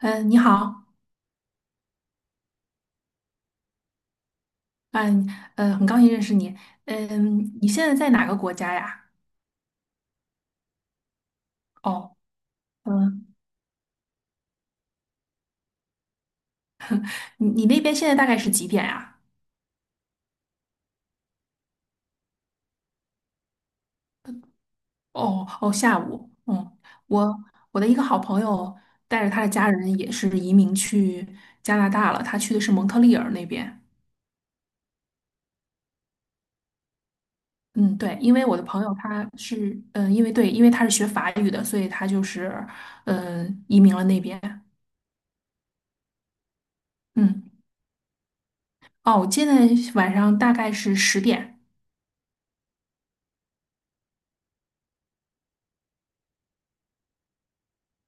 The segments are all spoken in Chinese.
嗯，你好，嗯，很高兴认识你。嗯，你现在在哪个国家呀？哦，嗯，你那边现在大概是几点呀？哦哦，下午。嗯，我我的一个好朋友带着他的家人也是移民去加拿大了，他去的是蒙特利尔那边。嗯，对，因为我的朋友他是，嗯，因为对，因为他是学法语的，所以他就是，嗯，移民了那边。嗯，哦，我现在晚上大概是10点。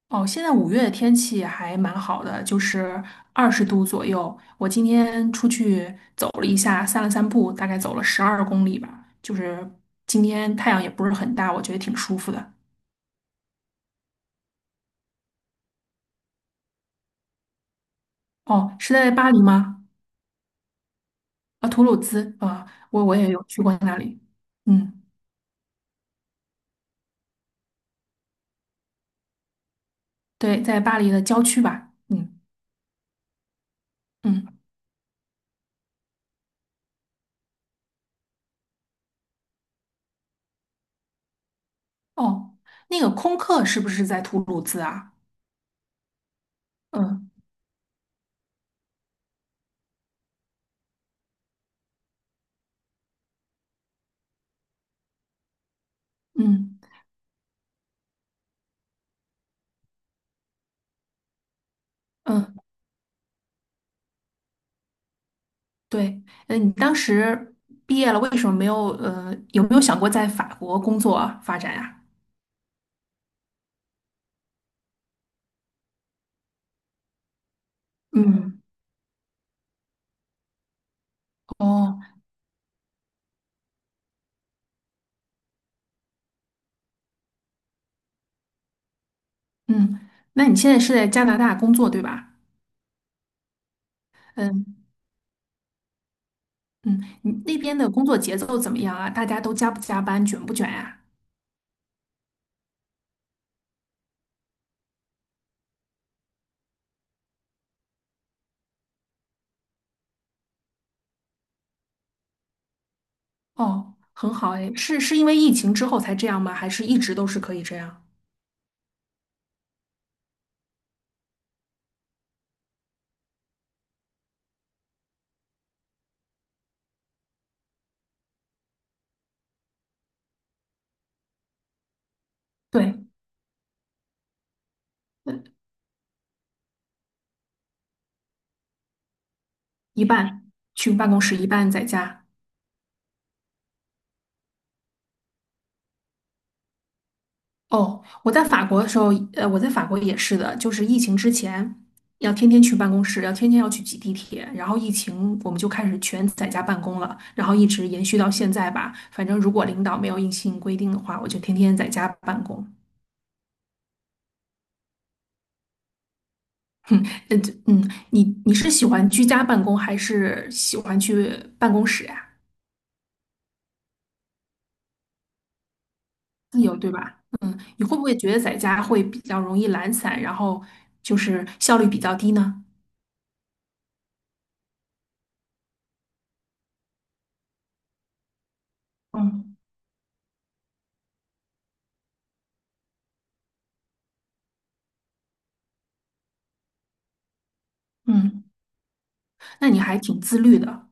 哦，现在5月的天气还蛮好的，就是20度左右。我今天出去走了一下，散了散步，大概走了12公里吧。就是今天太阳也不是很大，我觉得挺舒服的。哦，是在巴黎吗？啊，吐鲁兹啊，我也有去过那里。嗯，对，在巴黎的郊区吧。嗯嗯，哦，那个空客是不是在吐鲁兹啊？嗯嗯。嗯，对，呃，你当时毕业了，为什么没有有没有想过在法国工作啊发展呀？嗯，哦，嗯，那你现在是在加拿大工作对吧？嗯嗯，你那边的工作节奏怎么样啊？大家都加不加班，卷不卷呀？哦，很好哎，是因为疫情之后才这样吗？还是一直都是可以这样？对，呃一半去办公室，一半在家。哦，我在法国的时候，呃，我在法国也是的，就是疫情之前，要天天去办公室，要天天要去挤地铁，然后疫情我们就开始全在家办公了，然后一直延续到现在吧。反正如果领导没有硬性规定的话，我就天天在家办公。哼，呃，嗯，你是喜欢居家办公还是喜欢去办公室呀？自由，对吧？嗯，你会不会觉得在家会比较容易懒散，然后就是效率比较低呢？嗯嗯，那你还挺自律的。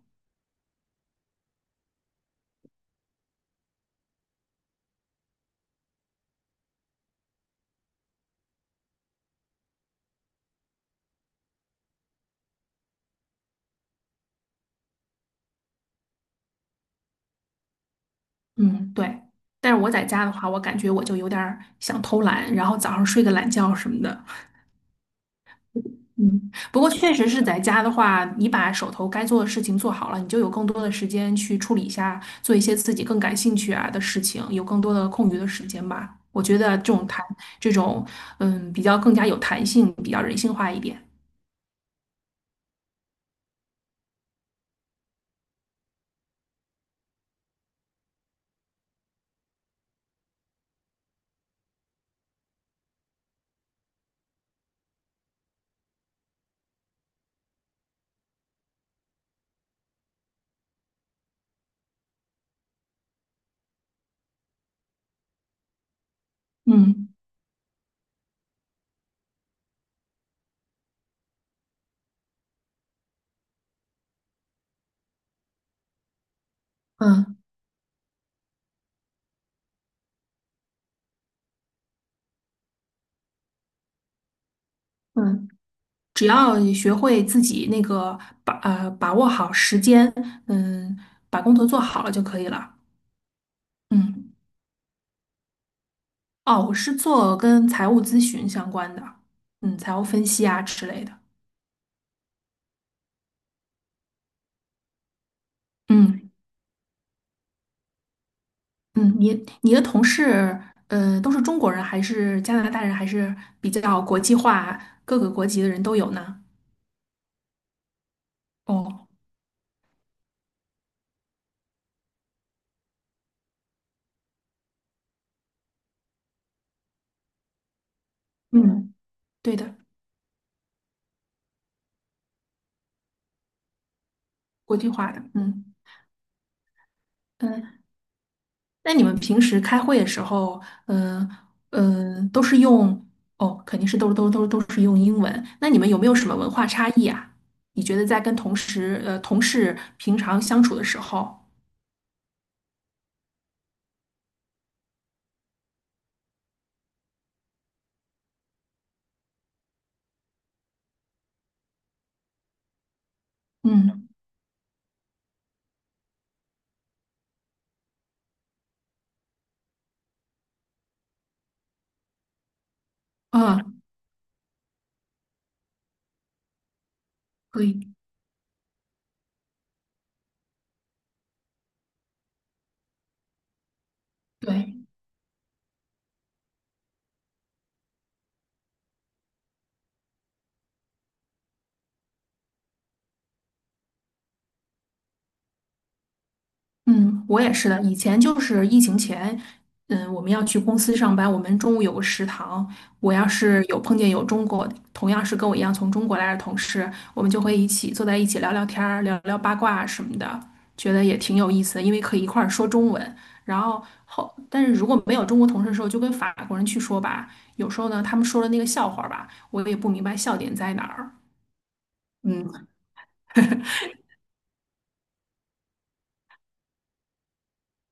嗯，对。但是我在家的话，我感觉我就有点儿想偷懒，然后早上睡个懒觉什么的。嗯，不过确实是在家的话，你把手头该做的事情做好了，你就有更多的时间去处理一下，做一些自己更感兴趣啊的事情，有更多的空余的时间吧。我觉得这种嗯，比较更加有弹性，比较人性化一点。嗯嗯嗯，只要你学会自己那个把把握好时间，嗯，把工作做好了就可以了。嗯，哦，我是做跟财务咨询相关的，嗯，财务分析啊之类的。嗯嗯，你的同事，呃，都是中国人还是加拿大人，还是比较国际化，各个国籍的人都有呢？哦，嗯，对的，国际化的。嗯嗯。那你们平时开会的时候，嗯、嗯、都是用哦，肯定是都是用英文。那你们有没有什么文化差异啊？你觉得在跟同事平常相处的时候，嗯啊，可以，对，嗯，我也是的。以前就是疫情前，嗯，我们要去公司上班，我们中午有个食堂。我要是有碰见有中国，同样是跟我一样从中国来的同事，我们就会一起坐在一起聊聊天儿、聊聊八卦啊什么的，觉得也挺有意思的，因为可以一块儿说中文。然后后，但是如果没有中国同事的时候，就跟法国人去说吧。有时候呢，他们说的那个笑话吧，我也不明白笑点在哪儿。嗯。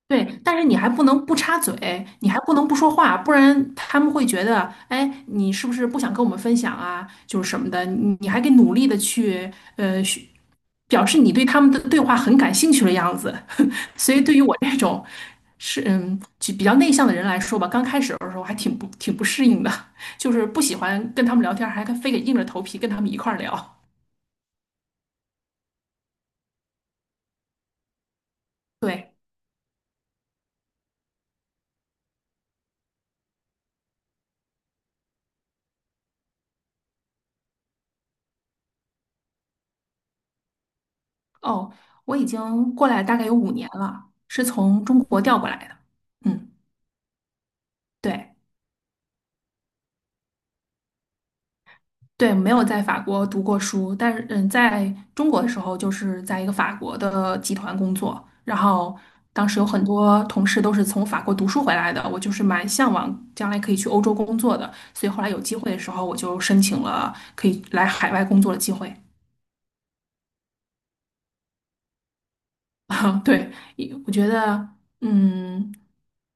对，但是你还不能不插嘴，你还不能不说话，不然他们会觉得，哎，你是不是不想跟我们分享啊？就是什么的，你还得努力的去，去表示你对他们的对话很感兴趣的样子。所以对于我这种是嗯就比较内向的人来说吧，刚开始的时候还挺不挺不适应的，就是不喜欢跟他们聊天，还非得硬着头皮跟他们一块儿聊。对，哦，我已经过来大概有五年了，是从中国调过来的。嗯，对。对，没有在法国读过书，但是嗯，在中国的时候就是在一个法国的集团工作，然后当时有很多同事都是从法国读书回来的，我就是蛮向往将来可以去欧洲工作的，所以后来有机会的时候我就申请了可以来海外工作的机会。啊，对，我觉得，嗯，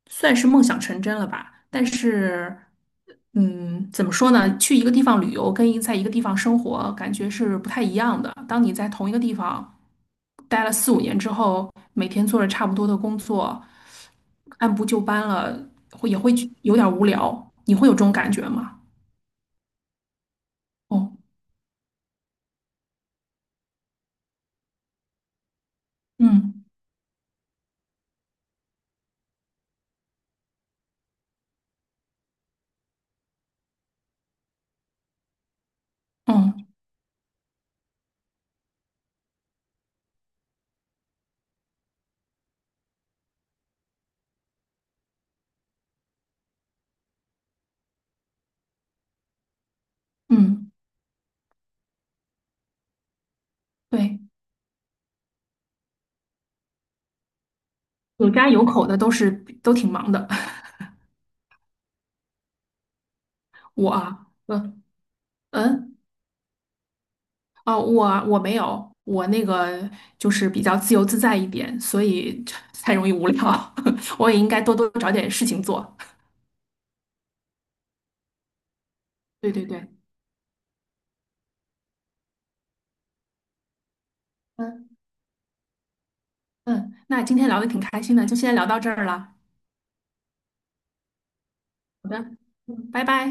算是梦想成真了吧。但是，嗯，怎么说呢？去一个地方旅游跟在一个地方生活，感觉是不太一样的。当你在同一个地方待了4、5年之后，每天做着差不多的工作，按部就班了，也会觉有点无聊。你会有这种感觉吗？哦，嗯嗯嗯，对，有家有口的都是都挺忙的。我啊，嗯嗯。哦，我没有，我那个就是比较自由自在一点，所以 才容易无聊。我也应该多多找点事情做。对对对，嗯嗯，那今天聊的挺开心的，就先聊到这儿了。好的，嗯，拜拜。